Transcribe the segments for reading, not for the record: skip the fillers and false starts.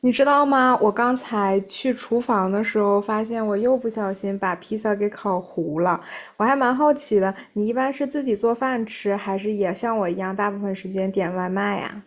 你知道吗？我刚才去厨房的时候，发现我又不小心把披萨给烤糊了。我还蛮好奇的，你一般是自己做饭吃，还是也像我一样，大部分时间点外卖呀？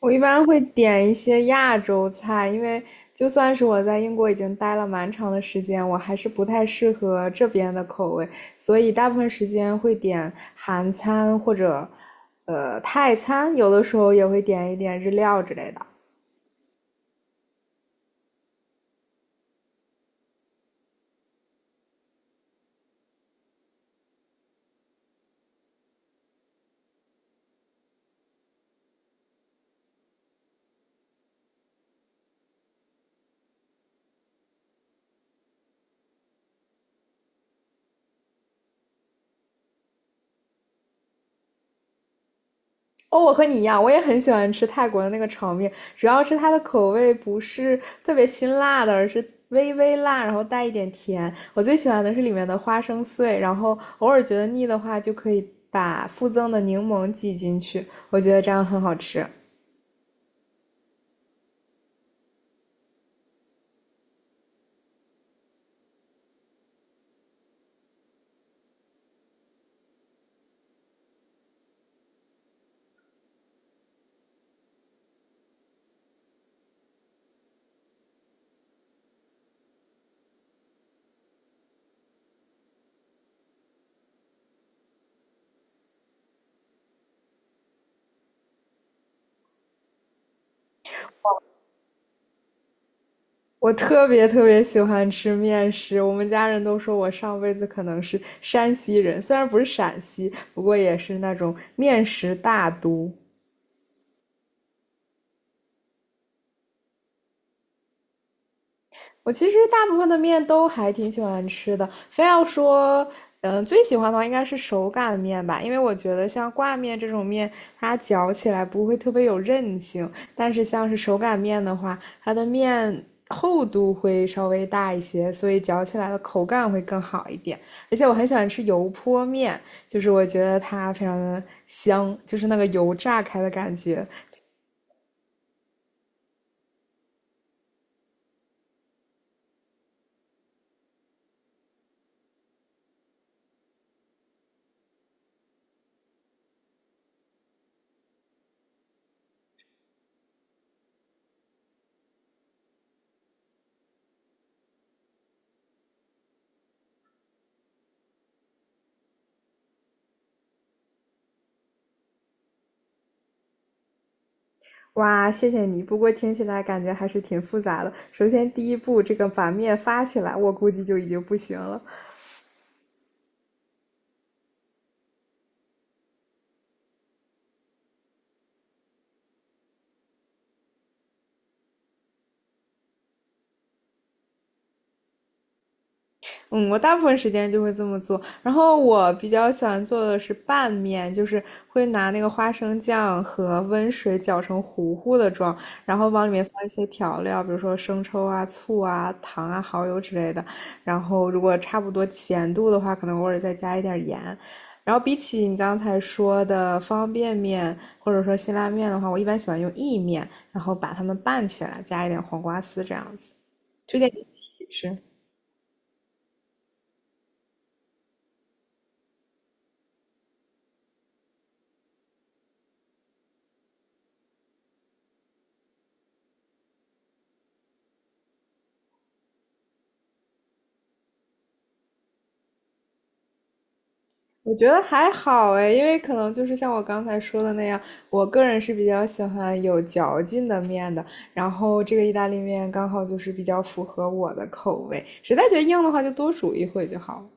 我一般会点一些亚洲菜，因为就算是我在英国已经待了蛮长的时间，我还是不太适合这边的口味，所以大部分时间会点韩餐或者，泰餐，有的时候也会点一点日料之类的。哦，我和你一样，我也很喜欢吃泰国的那个炒面，主要是它的口味不是特别辛辣的，而是微微辣，然后带一点甜。我最喜欢的是里面的花生碎，然后偶尔觉得腻的话，就可以把附赠的柠檬挤进去，我觉得这样很好吃。我特别特别喜欢吃面食，我们家人都说我上辈子可能是山西人，虽然不是陕西，不过也是那种面食大都。我其实大部分的面都还挺喜欢吃的，非要说，嗯，最喜欢的话应该是手擀面吧，因为我觉得像挂面这种面，它嚼起来不会特别有韧性，但是像是手擀面的话，它的面厚度会稍微大一些，所以嚼起来的口感会更好一点。而且我很喜欢吃油泼面，就是我觉得它非常的香，就是那个油炸开的感觉。哇，谢谢你。不过听起来感觉还是挺复杂的。首先，第一步，这个把面发起来，我估计就已经不行了。嗯，我大部分时间就会这么做。然后我比较喜欢做的是拌面，就是会拿那个花生酱和温水搅成糊糊的状，然后往里面放一些调料，比如说生抽啊、醋啊、糖啊、蚝油之类的。然后如果差不多咸度的话，可能偶尔再加一点盐。然后比起你刚才说的方便面或者说辛拉面的话，我一般喜欢用意面，然后把它们拌起来，加一点黄瓜丝这样子。推荐你试一试。我觉得还好哎，因为可能就是像我刚才说的那样，我个人是比较喜欢有嚼劲的面的。然后这个意大利面刚好就是比较符合我的口味，实在觉得硬的话就多煮一会就好了。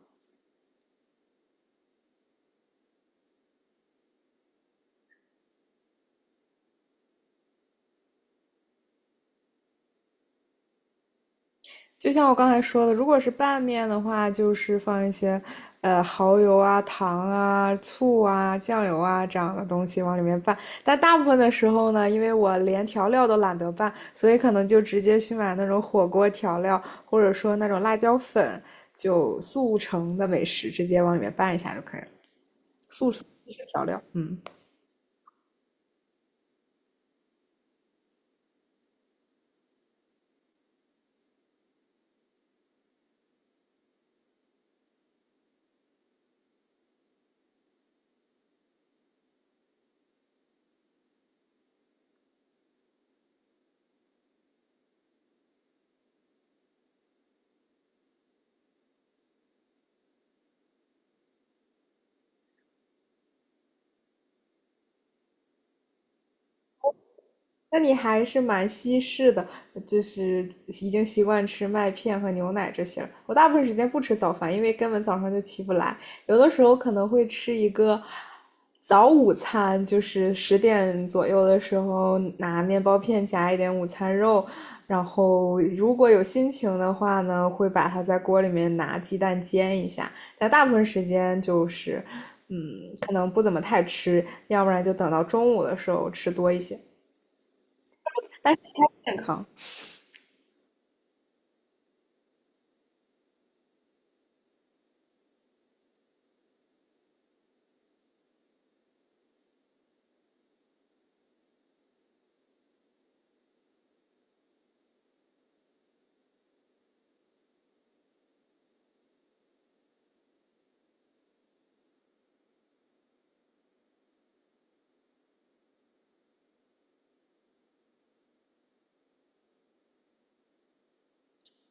就像我刚才说的，如果是拌面的话，就是放一些，蚝油啊、糖啊、醋啊、酱油啊这样的东西往里面拌。但大部分的时候呢，因为我连调料都懒得拌，所以可能就直接去买那种火锅调料，或者说那种辣椒粉，就速成的美食直接往里面拌一下就可以了。速食调料，嗯。那你还是蛮西式的，就是已经习惯吃麦片和牛奶这些了。我大部分时间不吃早饭，因为根本早上就起不来。有的时候可能会吃一个早午餐，就是10点左右的时候拿面包片夹一点午餐肉，然后如果有心情的话呢，会把它在锅里面拿鸡蛋煎一下。但大部分时间就是，嗯，可能不怎么太吃，要不然就等到中午的时候吃多一些。但是它健康。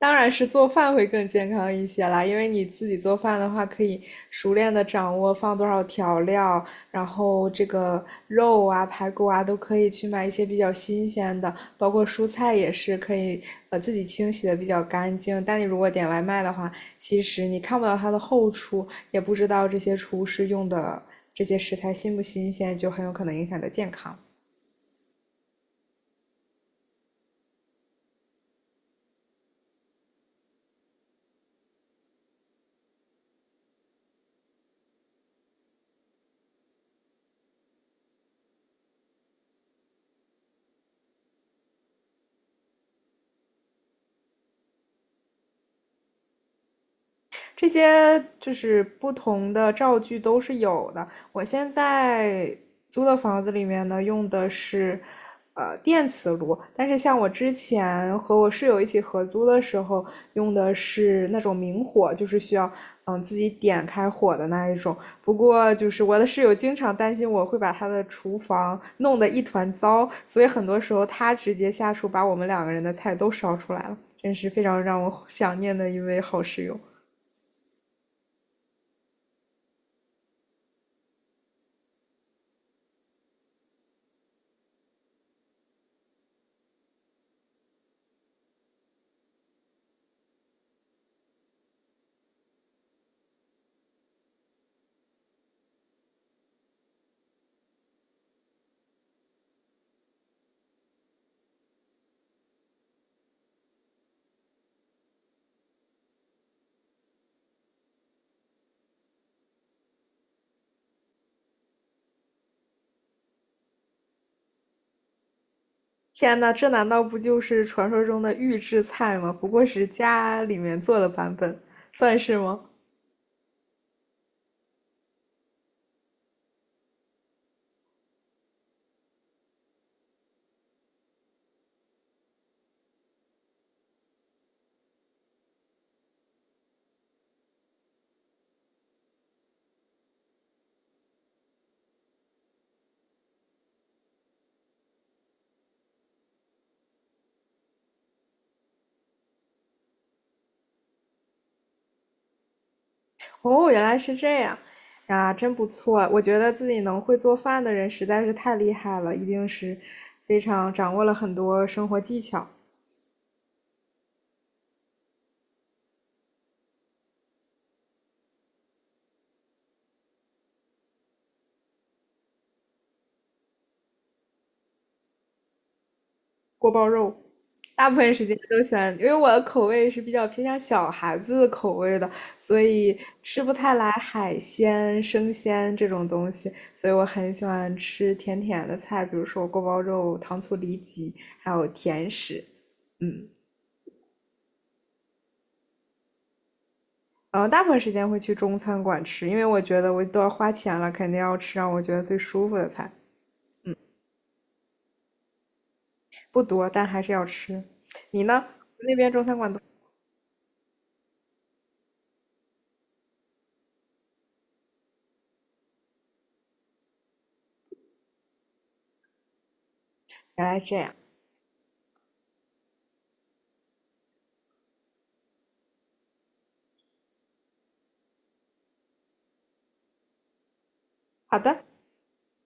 当然是做饭会更健康一些啦，因为你自己做饭的话，可以熟练的掌握放多少调料，然后这个肉啊、排骨啊都可以去买一些比较新鲜的，包括蔬菜也是可以自己清洗的比较干净。但你如果点外卖的话，其实你看不到它的后厨，也不知道这些厨师用的这些食材新不新鲜，就很有可能影响你的健康。这些就是不同的灶具都是有的。我现在租的房子里面呢，用的是电磁炉，但是像我之前和我室友一起合租的时候，用的是那种明火，就是需要自己点开火的那一种。不过就是我的室友经常担心我会把他的厨房弄得一团糟，所以很多时候他直接下厨把我们两个人的菜都烧出来了，真是非常让我想念的一位好室友。天呐，这难道不就是传说中的预制菜吗？不过是家里面做的版本，算是吗？哦，原来是这样。啊，真不错啊！我觉得自己能会做饭的人实在是太厉害了，一定是非常掌握了很多生活技巧。锅包肉。大部分时间都喜欢，因为我的口味是比较偏向小孩子的口味的，所以吃不太来海鲜、生鲜这种东西，所以我很喜欢吃甜甜的菜，比如说锅包肉、糖醋里脊，还有甜食。嗯，然后大部分时间会去中餐馆吃，因为我觉得我都要花钱了，肯定要吃让我觉得最舒服的菜。嗯，不多，但还是要吃。你呢？那边中餐馆都原来这样。好的。